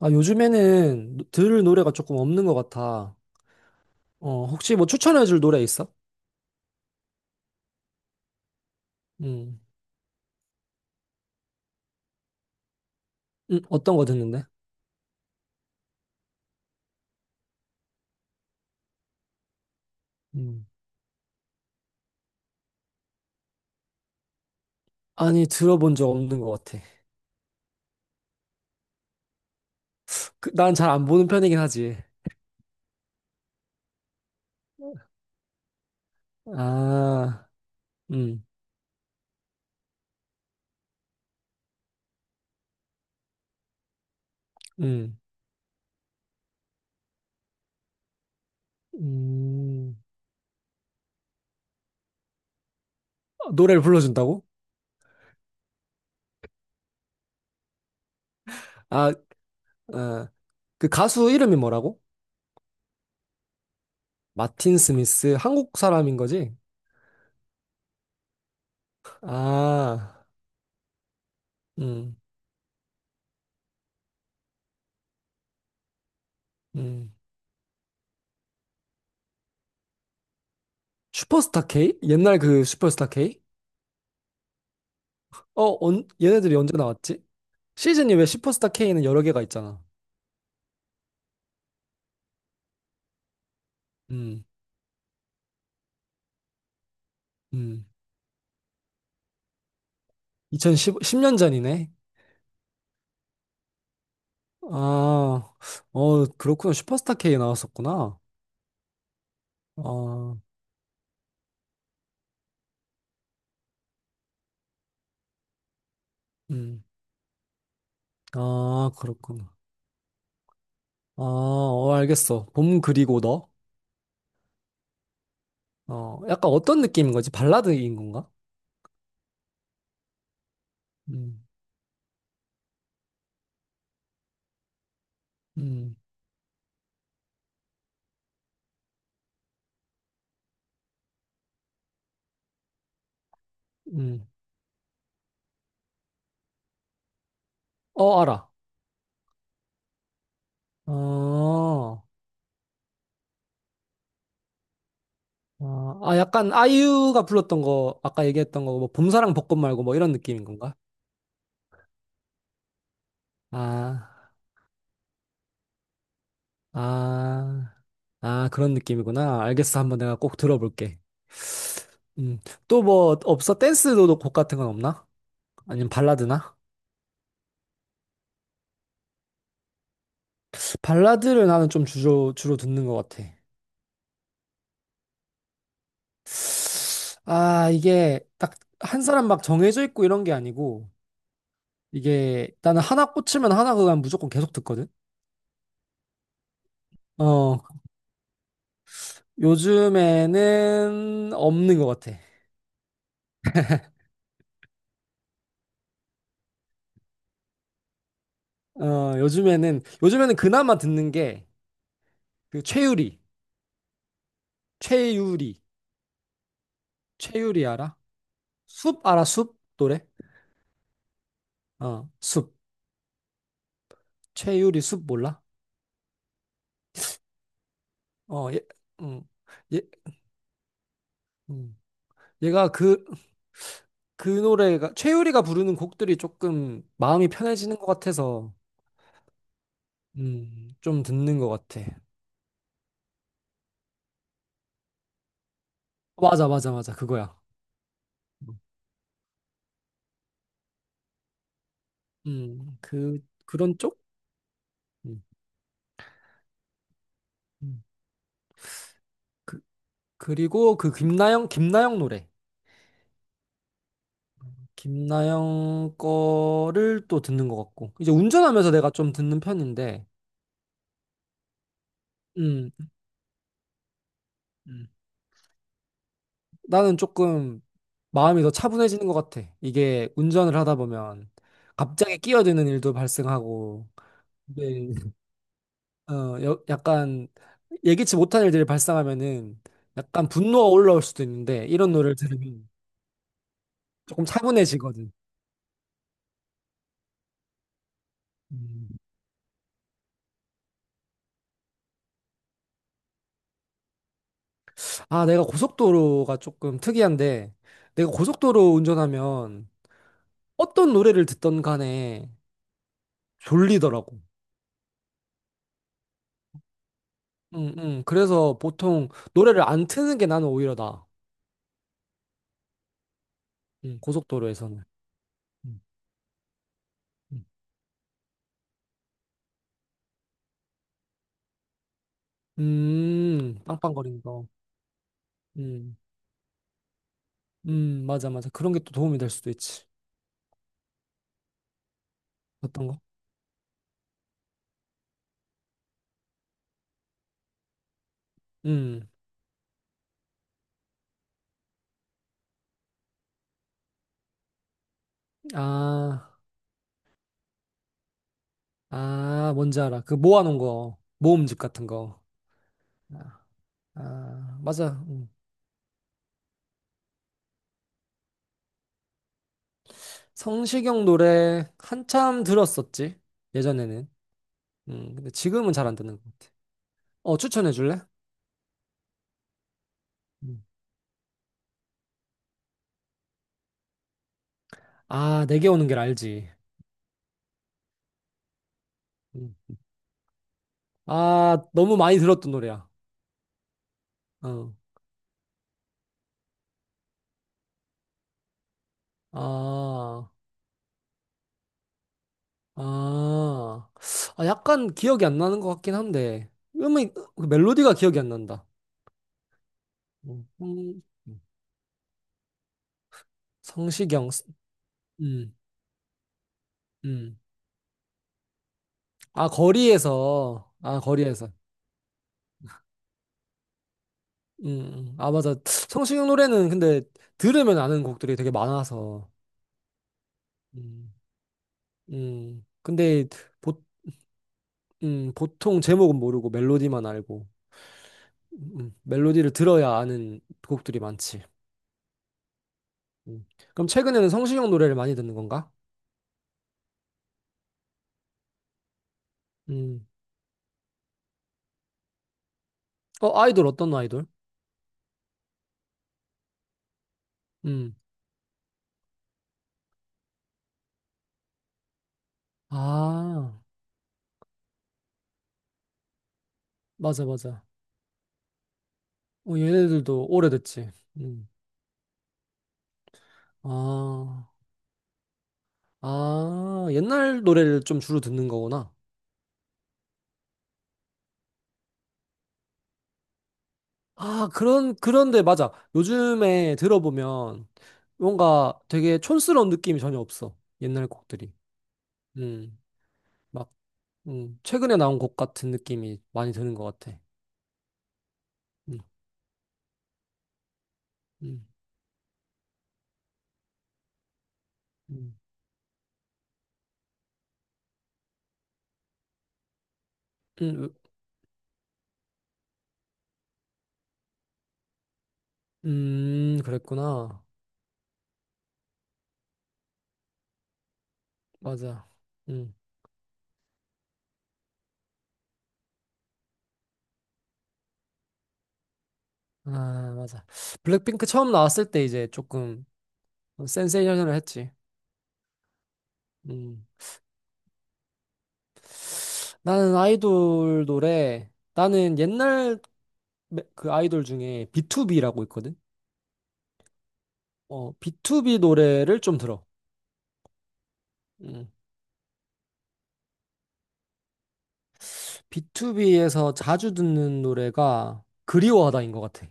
아, 요즘에는 들을 노래가 조금 없는 것 같아. 어, 혹시 뭐 추천해줄 노래 있어? 음, 어떤 거 듣는데? 음. 아니, 들어본 적 없는 것 같아. 그, 난잘 안 보는 편이긴 하지. 아, 음, 음, 음. 아, 노래를 불러준다고? 아, 어, 그 가수 이름이 뭐라고? 마틴 스미스, 한국 사람인 거지? 아, 음, 음. 슈퍼스타 K? 옛날 그 슈퍼스타 K? 어, 얘네들이 언제 나왔지? 시즌이 왜 슈퍼스타 K는 여러 개가 있잖아. 음, 음. 2010, 년 전이네. 아, 어, 그렇구나. 슈퍼스타 K 나왔었구나. 아, 음. 아, 그렇구나. 아, 어, 알겠어. 봄 그리고 너. 어, 약간 어떤 느낌인 거지? 발라드인 건가? 음, 음, 음. 어, 알아. 어, 아, 아, 약간 아이유가 불렀던 거, 아까 얘기했던 거, 뭐, 봄사랑 벚꽃 말고 뭐 이런 느낌인 건가? 아. 아, 아, 그런 느낌이구나. 알겠어. 한번 내가 꼭 들어볼게. 음, 또 뭐 없어? 댄스도 곡 같은 건 없나? 아니면 발라드나? 발라드를 나는 좀 주로 듣는 것 같아. 아, 이게 딱 한 사람 막 정해져 있고 이런 게 아니고, 이게 나는 하나 꽂히면 하나 그냥 무조건 계속 듣거든? 어, 요즘에는 없는 것 같아. 어, 요즘에는 그나마 듣는 게 그 최유리, 최유리. 최유리 알아? 숲 알아? 숲 노래? 어, 숲. 최유리 숲 몰라? 어, 얘, 음, 얘, 음. 얘가 그 노래가, 최유리가 부르는 곡들이 조금 마음이 편해지는 것 같아서, 좀 듣는 것 같아. 맞아, 맞아, 맞아. 그거야. 그, 그런 쪽? 음, 음. 그, 그리고 그 김나영, 김나영 노래. 김나영 거를 또 듣는 것 같고. 이제 운전하면서 내가 좀 듣는 편인데, 음. 음. 나는 조금 마음이 더 차분해지는 것 같아. 이게 운전을 하다 보면 갑자기 끼어드는 일도 발생하고, 네. 어, 약간 예기치 못한 일들이 발생하면은 약간 분노가 올라올 수도 있는데 이런 노래를 들으면 조금 차분해지거든. 음. 아, 내가 고속도로가 조금 특이한데 내가 고속도로 운전하면 어떤 노래를 듣던 간에 졸리더라고. 그래서 보통 노래를 안 트는 게 나는 오히려 나아. 응, 고속도로에서는. 음, 음, 빵빵거리는 거. 음, 맞아, 맞아. 그런 게 또 도움이 될 수도 있지. 어떤 거? 음, 아, 아, 뭔지 알아. 그 모아놓은 거. 모음집 같은 거. 아, 아, 맞아. 음. 성시경 노래 한참 들었었지. 예전에는. 근데 지금은 잘 안 듣는 것 같아. 어, 추천해 줄래? 음. 아, 내게 오는 길 알지. 음. 아, 너무 많이 들었던 노래야. 어. 아. 아, 아, 약간 기억이 안 나는 것 같긴 한데, 음이, 그 멜로디가 기억이 안 난다. 음, 음, 성시경, 음, 음. 아, 거리에서, 아, 거리에서. 아, 맞아. 성시경 노래는 근데 들으면 아는 곡들이 되게 많아서, 음, 근데 보, 보통 제목은 모르고 멜로디만 알고, 멜로디를 들어야 아는 곡들이 많지. 음. 그럼 최근에는 성시경 노래를 많이 듣는 건가? 음. 어, 아이돌 어떤 아이돌? 음. 아, 맞아, 맞아. 어, 얘네들도 오래됐지. 음. 아, 아, 옛날 노래를 좀 주로 듣는 거구나. 아, 그런데 맞아. 요즘에 들어보면 뭔가 되게 촌스러운 느낌이 전혀 없어. 옛날 곡들이. 음, 막, 최근에 나온 곡 같은 느낌이 많이 드는 것 같아. 음, 음, 음, 음, 으- 그랬구나. 맞아. 음. 아, 맞아. 블랙핑크 처음 나왔을 때 이제 조금 센세이션을 했지. 음. 나는 아이돌 노래, 나는 옛날 그 아이돌 중에 B2B라고 있거든? 어, B2B 노래를 좀 들어. 음. B2B에서 자주 듣는 노래가 그리워하다인 것 같아.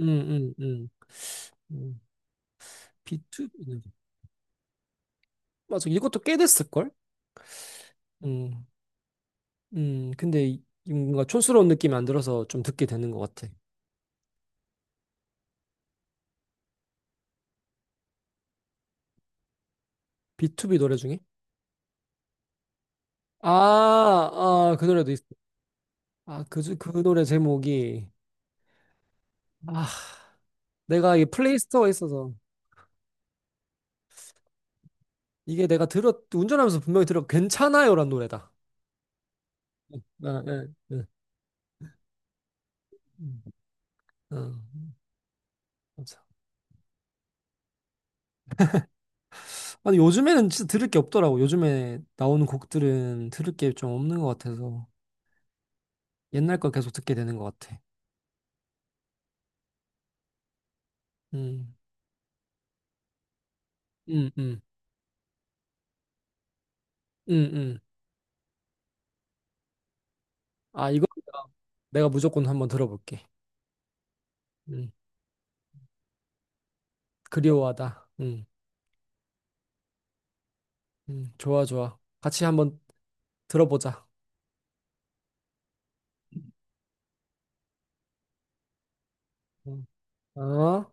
음, 음, 음. 음. B2B. 맞아. 이것도 꽤 됐을걸? 음, 근데 뭔가 촌스러운 느낌이 안 들어서 좀 듣게 되는 것 같아. B2B 노래 중에? 아, 아, 그 노래도 있어. 아, 그, 그 노래 제목이. 아, 내가 이 플레이스토어에 있어서. 이게 내가 들었, 운전하면서 분명히 들었, 괜찮아요란 노래다. 아, 예, 예. 음, 어, 맞아. 아니, 요즘에는 진짜 들을 게 없더라고. 요즘에 나오는 곡들은 들을 게 좀 없는 것 같아서. 옛날 걸 계속 듣게 되는 것 같아. 음, 음, 음, 음, 음. 아, 이거 내가 무조건 한번 들어볼게. 음, 그리워하다. 좋아, 좋아. 같이 한번 들어보자. 음. 어?